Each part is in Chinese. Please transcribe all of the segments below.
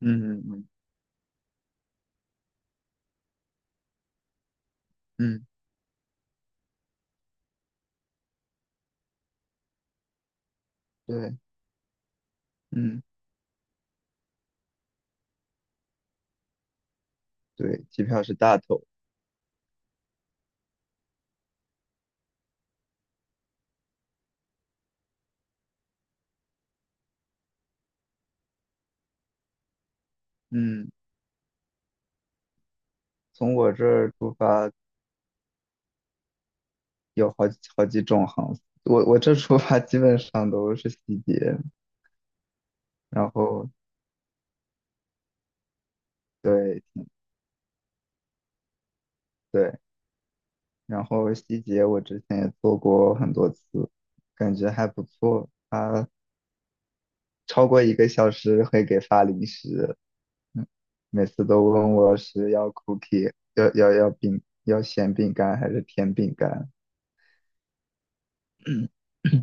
嗯嗯嗯，嗯对，嗯对，机票是大头。嗯，从我这儿出发有好几种航司我这出发基本上都是西捷，然后对对，然后西捷我之前也坐过很多次，感觉还不错。他超过1个小时会给发零食，嗯每次都问我是要 cookie，要饼，要咸饼干还是甜饼干。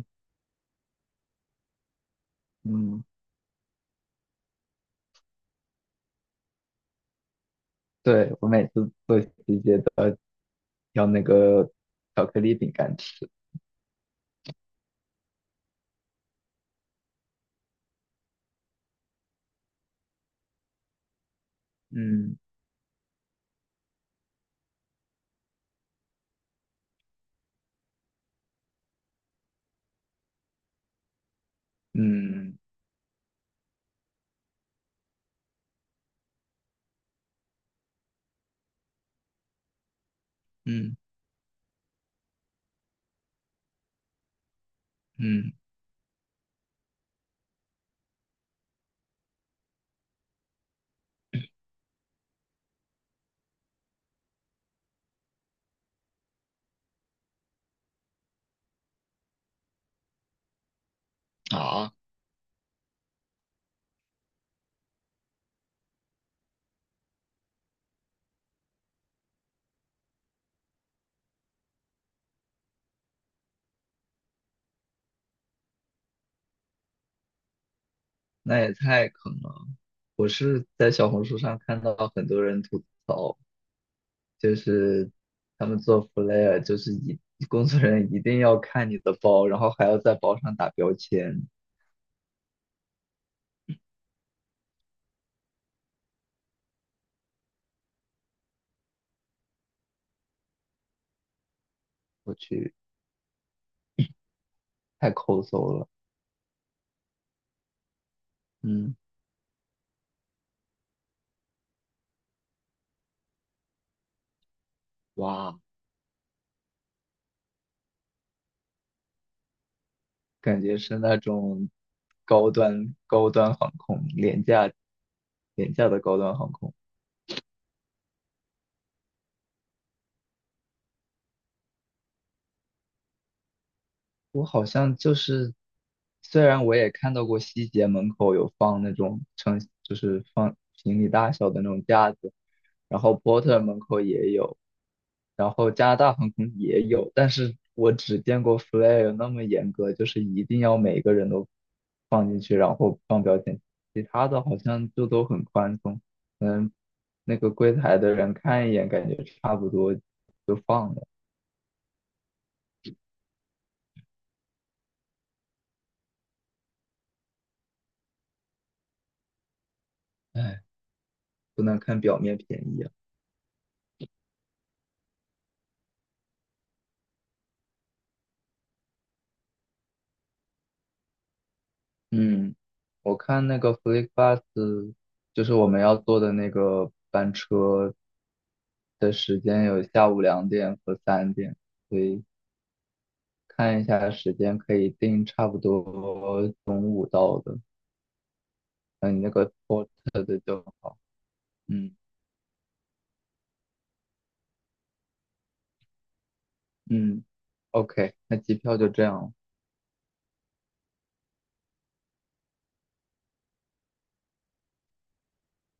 嗯，对，我每次做题节都要挑那个巧克力饼干吃。嗯嗯嗯嗯，啊，那也太坑了。我是在小红书上看到很多人吐槽，就是他们做 flair，就是一工作人员一定要看你的包，然后还要在包上打标签。我去，太抠搜了。嗯，哇。感觉是那种高端航空，廉价的高端航空。我好像就是，虽然我也看到过西捷门口有放那种成就是放行李大小的那种架子，然后波特门口也有，然后加拿大航空也有，但是我只见过 Flair 那么严格，就是一定要每个人都放进去，然后放标签，其他的好像就都很宽松，嗯，那个柜台的人看一眼，感觉差不多就放了，哎，不能看表面便宜啊。嗯，我看那个 FlixBus，就是我们要坐的那个班车的时间有下午2点和3点，所以看一下时间可以定差不多中午到的。那你那个 port 的就好。嗯嗯，OK，那机票就这样。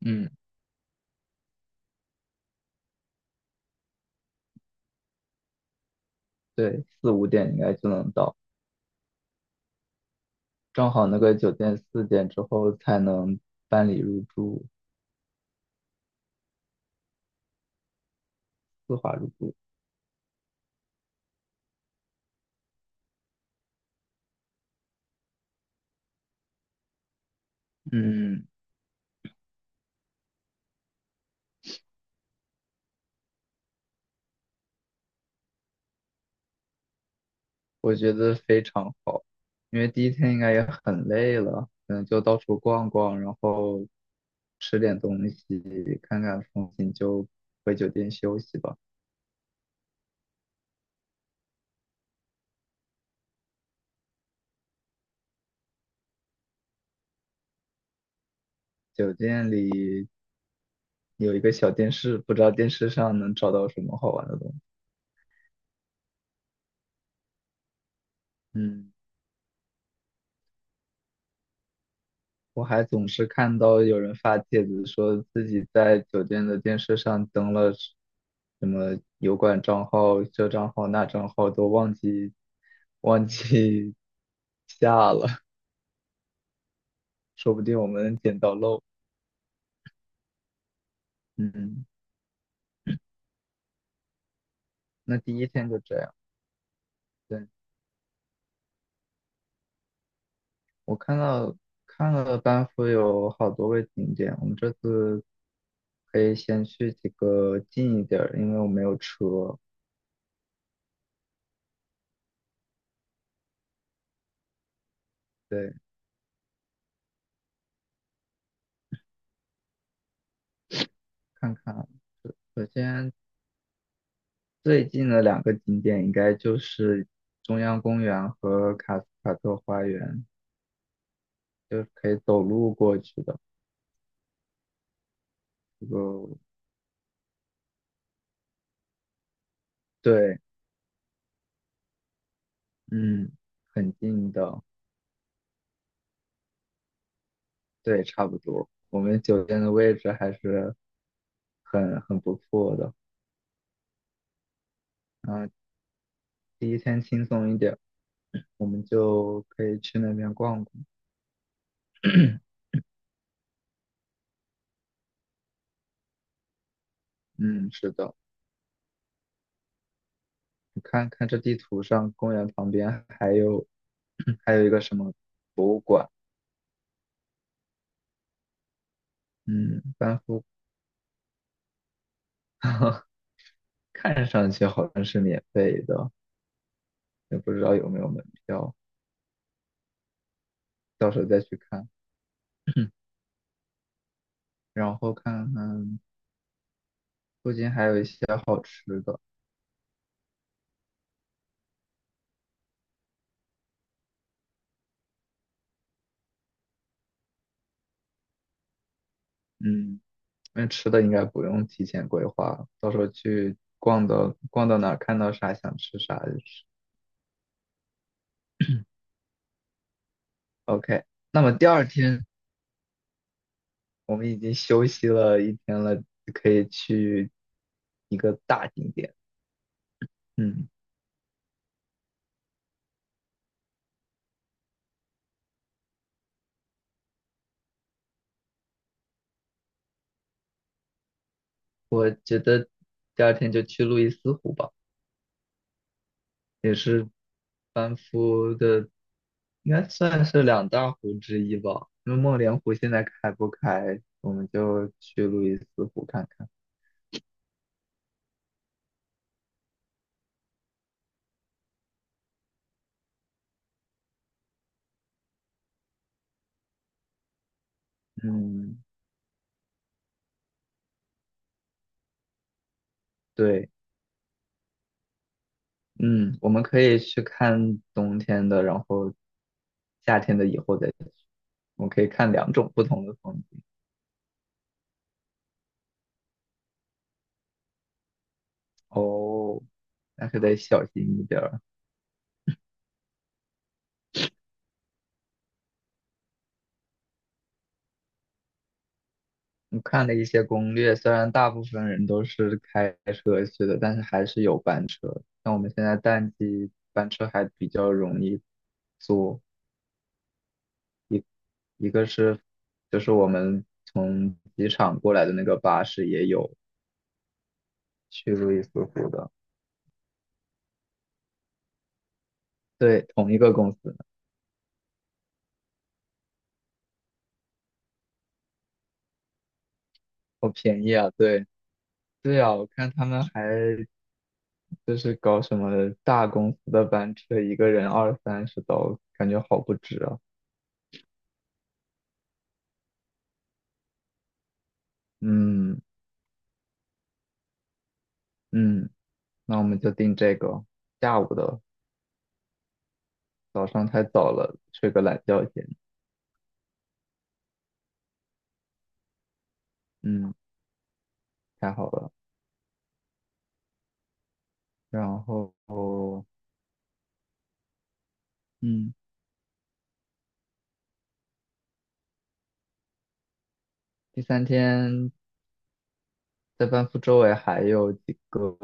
嗯，对，四五点应该就能到，正好那个酒店4点之后才能办理入住，丝滑入住。嗯。我觉得非常好，因为第一天应该也很累了，可能就到处逛逛，然后吃点东西，看看风景，就回酒店休息吧。酒店里有一个小电视，不知道电视上能找到什么好玩的东西。嗯，我还总是看到有人发帖子说自己在酒店的电视上登了什么油管账号、这账号、那账号，都忘记 下了。说不定我们捡到漏。嗯，那第一天就这样。对，我看到看了班服有好多位景点，我们这次可以先去几个近一点儿，因为我没有车。对，看看。首首先最近的两个景点应该就是中央公园和卡斯卡特花园，就是可以走路过去的。这个对，嗯，很近的，对，差不多。我们酒店的位置还是很不错的。啊、第一天轻松一点，我们就可以去那边逛逛。嗯，是的，你看看这地图上，公园旁边还有 还有一个什么馆？嗯，班夫，看上去好像是免费的，也不知道有没有门票，到时候再去看。然后看看附近还有一些好吃的，嗯，那吃的应该不用提前规划，到时候去逛的，逛到哪儿看到啥想吃啥就吃。OK，那么第二天我们已经休息了一天了，就可以去一个大景点。嗯，我觉得第二天就去路易斯湖吧，也是班夫的，应该算是两大湖之一吧。因为梦莲湖现在开不开，我们就去路易斯湖看看。嗯，对，嗯，我们可以去看冬天的，然后夏天的以后再去，我们可以看两种不同的风景。哦，那可得小心一点儿。我看了一些攻略，虽然大部分人都是开车去的，但是还是有班车。像我们现在淡季，班车还比较容易坐。一个是，就是我们从机场过来的那个巴士也有去路易斯湖的，对，同一个公司，好便宜啊！对，对啊，我看他们还就是搞什么大公司的班车，一个人二三十刀，感觉好不值啊。嗯嗯，那我们就定这个下午的，早上太早了，睡个懒觉先。嗯，太好了。然后，嗯，第三天在班夫周围还有几个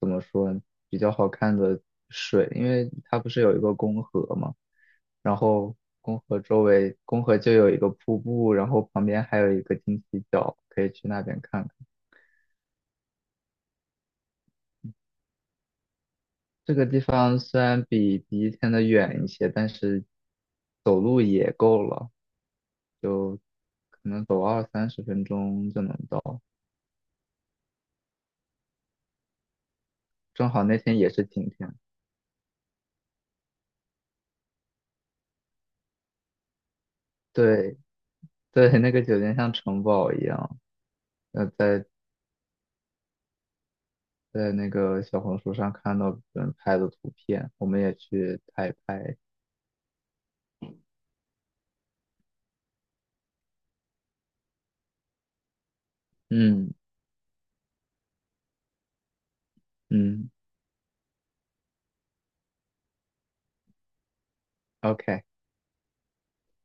怎么说比较好看的水，因为它不是有一个公河嘛，然后公河周围，公河就有一个瀑布，然后旁边还有一个金鸡角，可以去那边看这个地方虽然比第一天的远一些，但是走路也够了，可能走二三十分钟就能到。正好那天也是晴天，对对，那个酒店像城堡一样。呃，在在那个小红书上看到别人拍的图片，我们也去拍一拍。嗯嗯，OK。